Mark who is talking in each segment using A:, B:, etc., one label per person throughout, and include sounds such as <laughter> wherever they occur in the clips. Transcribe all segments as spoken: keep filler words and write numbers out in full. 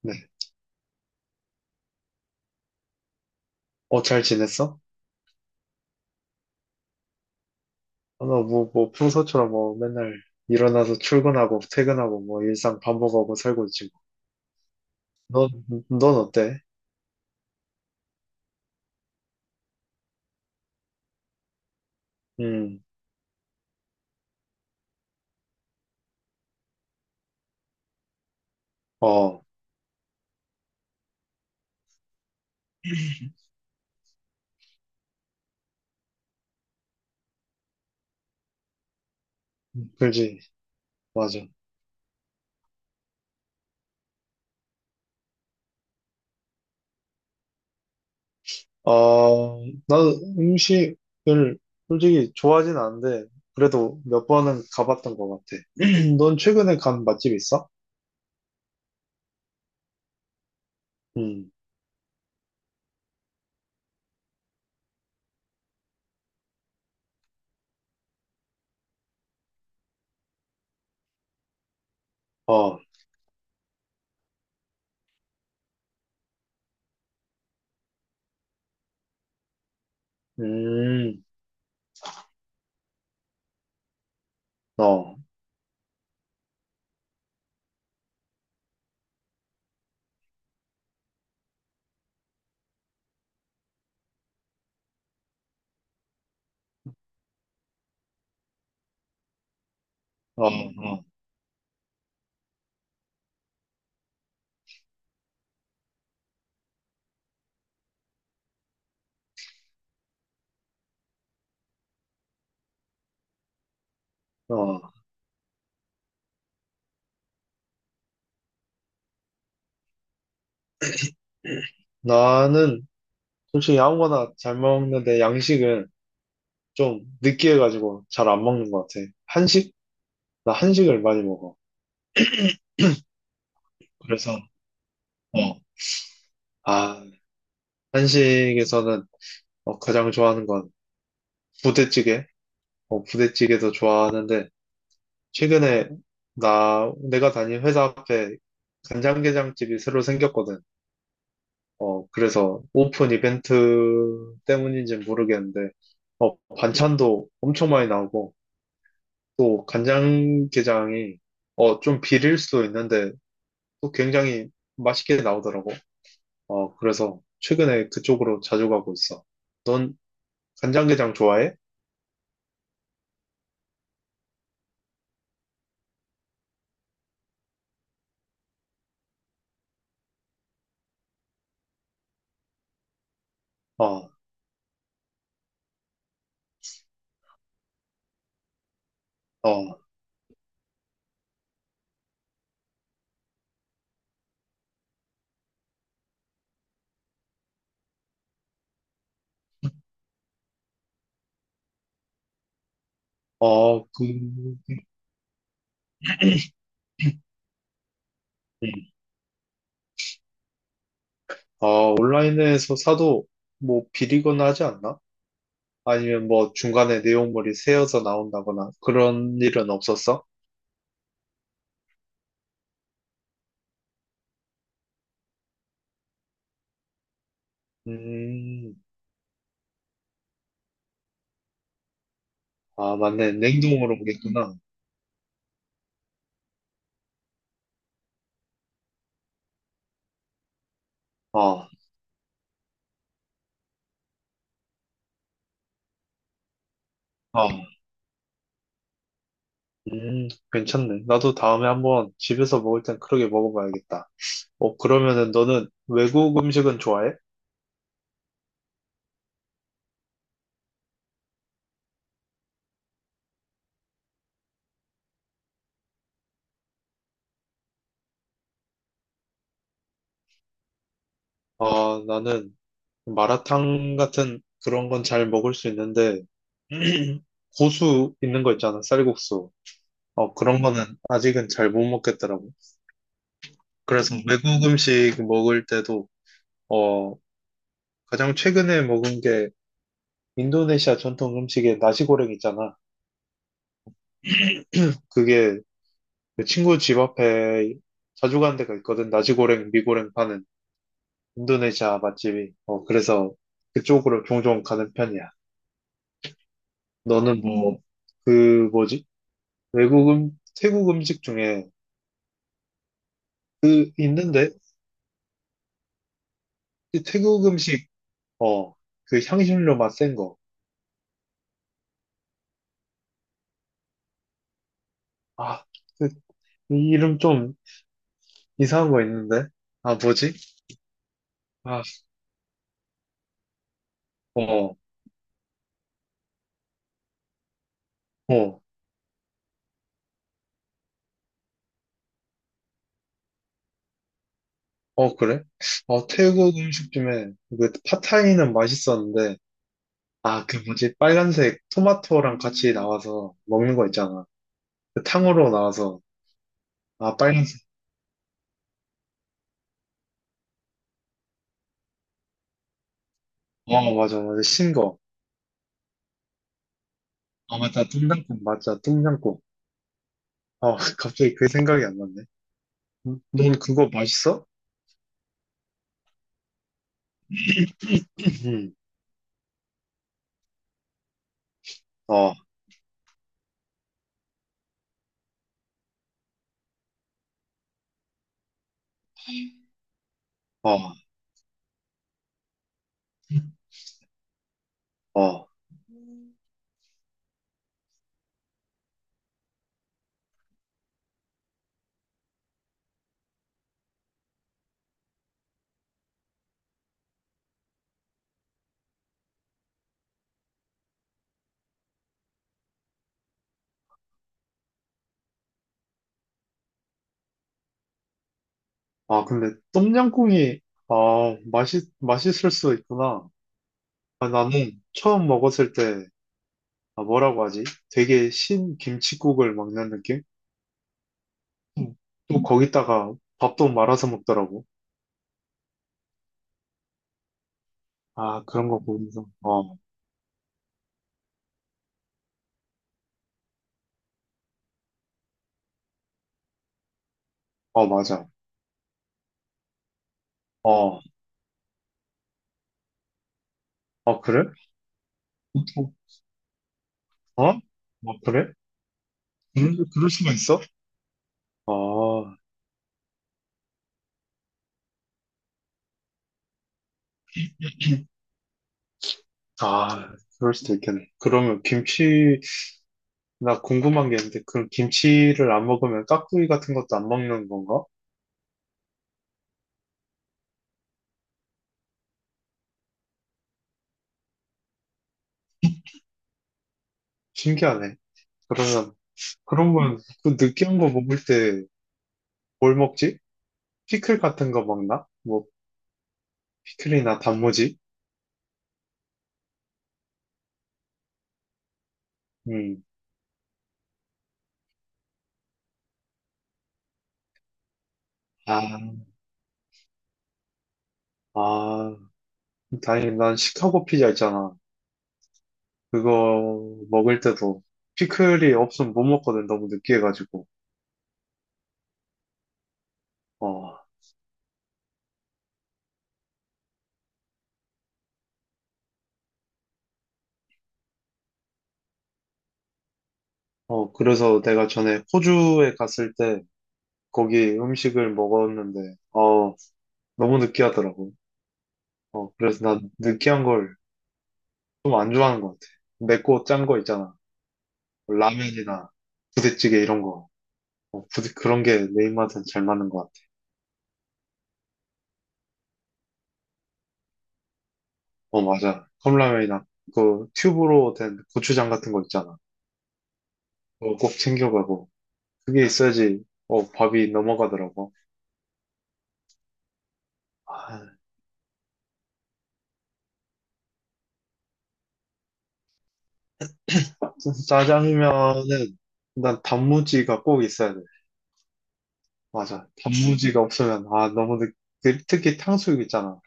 A: 네. 어, 잘 지냈어? 아, 나 뭐, 뭐, 평소처럼 뭐, 맨날 일어나서 출근하고, 퇴근하고, 뭐, 일상 반복하고 살고 지금. 음, 넌 어때? 음. 어. 그지. 맞아. 어, 나는 음식을 솔직히 좋아하진 않은데, 그래도 몇 번은 가봤던 것 같아. <clears throat> 넌 최근에 간 맛집 있어? 음. 어. 음. 어. 어. 어. 어. 나는 솔직히 아무거나 잘 먹는데, 양식은 좀 느끼해가지고 잘 안 먹는 것 같아. 한식? 나 한식을 많이 먹어. 그래서, 어, 아, 한식에서는 어, 가장 좋아하는 건 부대찌개. 어, 부대찌개도 좋아하는데, 최근에 나, 내가 다닌 회사 앞에 간장게장집이 새로 생겼거든. 어, 그래서 오픈 이벤트 때문인지는 모르겠는데, 어, 반찬도 엄청 많이 나오고, 또 간장게장이 어, 좀 비릴 수도 있는데, 또 굉장히 맛있게 나오더라고. 어, 그래서 최근에 그쪽으로 자주 가고 있어. 넌 간장게장 좋아해? 어. 어. 어. 그. 음. 어, 온라인에서 사도 뭐 비리거나 하지 않나? 아니면 뭐 중간에 내용물이 새어서 나온다거나 그런 일은 없었어? 음, 아, 맞네. 냉동으로 오겠구나. 어. 어. 음, 괜찮네. 나도 다음에 한번 집에서 먹을 땐 그렇게 먹어봐야겠다. 어, 그러면은 너는 외국 음식은 좋아해? 아, 나는 마라탕 같은 그런 건 잘 먹을 수 있는데, <clears throat> 고수 있는 거 있잖아, 쌀국수. 어, 그런 거는 아직은 잘 못 먹겠더라고. 그래서 외국 음식 먹을 때도, 어, 가장 최근에 먹은 게 인도네시아 전통 음식의 나시고랭 있잖아. 그게 내 친구 집 앞에 자주 가는 데가 있거든. 나시고랭, 미고랭 파는 인도네시아 맛집이. 어, 그래서 그쪽으로 종종 가는 편이야. 너는 뭐, 그 뭐지? 외국 음, 태국 음식 중에 그- 있는데 이 태국 음식 어 그 향신료 맛 센 거. 아, 그 이 이름 좀 이상한 거 있는데. 아, 뭐지? 아. 어. 어. 어, 그래? 어 태국 음식 중에 그 팟타이는 맛있었는데 아, 그 뭐지? 빨간색 토마토랑 같이 나와서 먹는 거 있잖아. 그 탕후루 나와서 아, 빨간색. 어, 맞아, 맞아. 신 거. 아, 맞다. 뚱장국. 맞아, 뚱장국. 어, <laughs> 갑자기 그 생각이 안 났네. 넌 그거 맛있어? 음. 아. 아. 아. 아, 근데 똠양꿍이 아, 맛있 맛있을 수도 있구나. 아, 나는 처음 먹었을 때 아, 뭐라고 하지? 되게 신 김칫국을 먹는 느낌? 음. 또 거기다가 밥도 말아서 먹더라고. 아, 그런 거 보면서 어, 어, 맞아. 어, 어, 그래? 어? 어, 어, 그래? 그럴, 그럴 수가 있어? 아, 아, 그럴 수도 있겠네. 그러면 김치 나 궁금한 게 있는데, 그럼 김치를 안 먹으면 깍두기 같은 것도 안 먹는 건가? 신기하네. 그러면, 그러면 그 느끼한 거 먹을 때 뭘 먹지? 피클 같은 거 먹나? 뭐, 피클이나 단무지? 음. 아, 아, 다행히 난 시카고 피자 있잖아. 그거 먹을 때도 피클이 없으면 못 먹거든. 너무 느끼해가지고. 어, 어, 그래서 내가 전에 호주에 갔을 때 거기 음식을 먹었는데, 어, 너무 느끼하더라고. 어, 그래서 나 느끼한 걸 좀 안 좋아하는 것 같아. 맵고 짠 거 있잖아. 뭐 라면이나 부대찌개 이런 거. 어, 부대, 그런 게 내 입맛엔 잘 맞는 것 같아. 어, 맞아. 컵라면이나 그 튜브로 된 고추장 같은 거 있잖아. 그거 꼭 챙겨가고. 그게 있어야지, 어, 밥이 넘어가더라고. 아, 짜- 짜장면은 난 단무지가 꼭 있어야 돼. 맞아. 단무지가 없으면, 아, 너무 느, 그- 특히 탕수육 있잖아.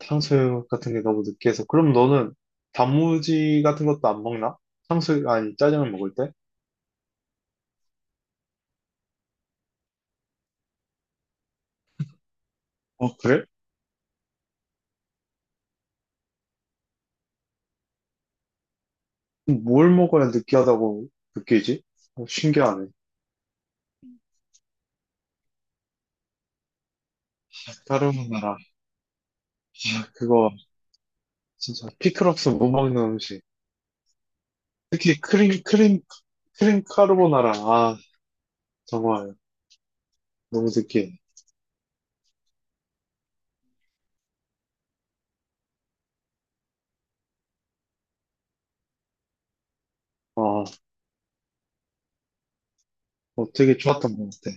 A: 탕수육 같은 게 너무 느끼해서. 그럼 너는 단무지 같은 것도 안 먹나? 탕수육, 아니, 짜장면 먹을 때? 어, 그래? 뭘 먹어야 느끼하다고 느끼지? 어, 신기하네. 까르보나라. 아, 그거 진짜 피클 없으면 못 먹는 음식. 특히 크림, 크림, 크림 까르보나라. 아, 정말 너무 느끼해. 아, 어, 되게 좋았던 것 같아.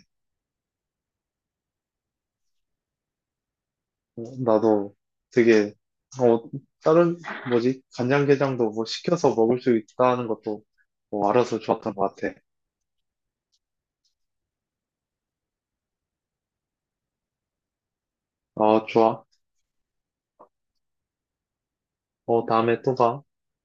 A: 어, 나도 되게, 어, 다른, 뭐지, 간장게장도 뭐 시켜서 먹을 수 있다는 것도 뭐 알아서 좋았던 것 같아. 아, 좋아. 어, 다음에 또 봐.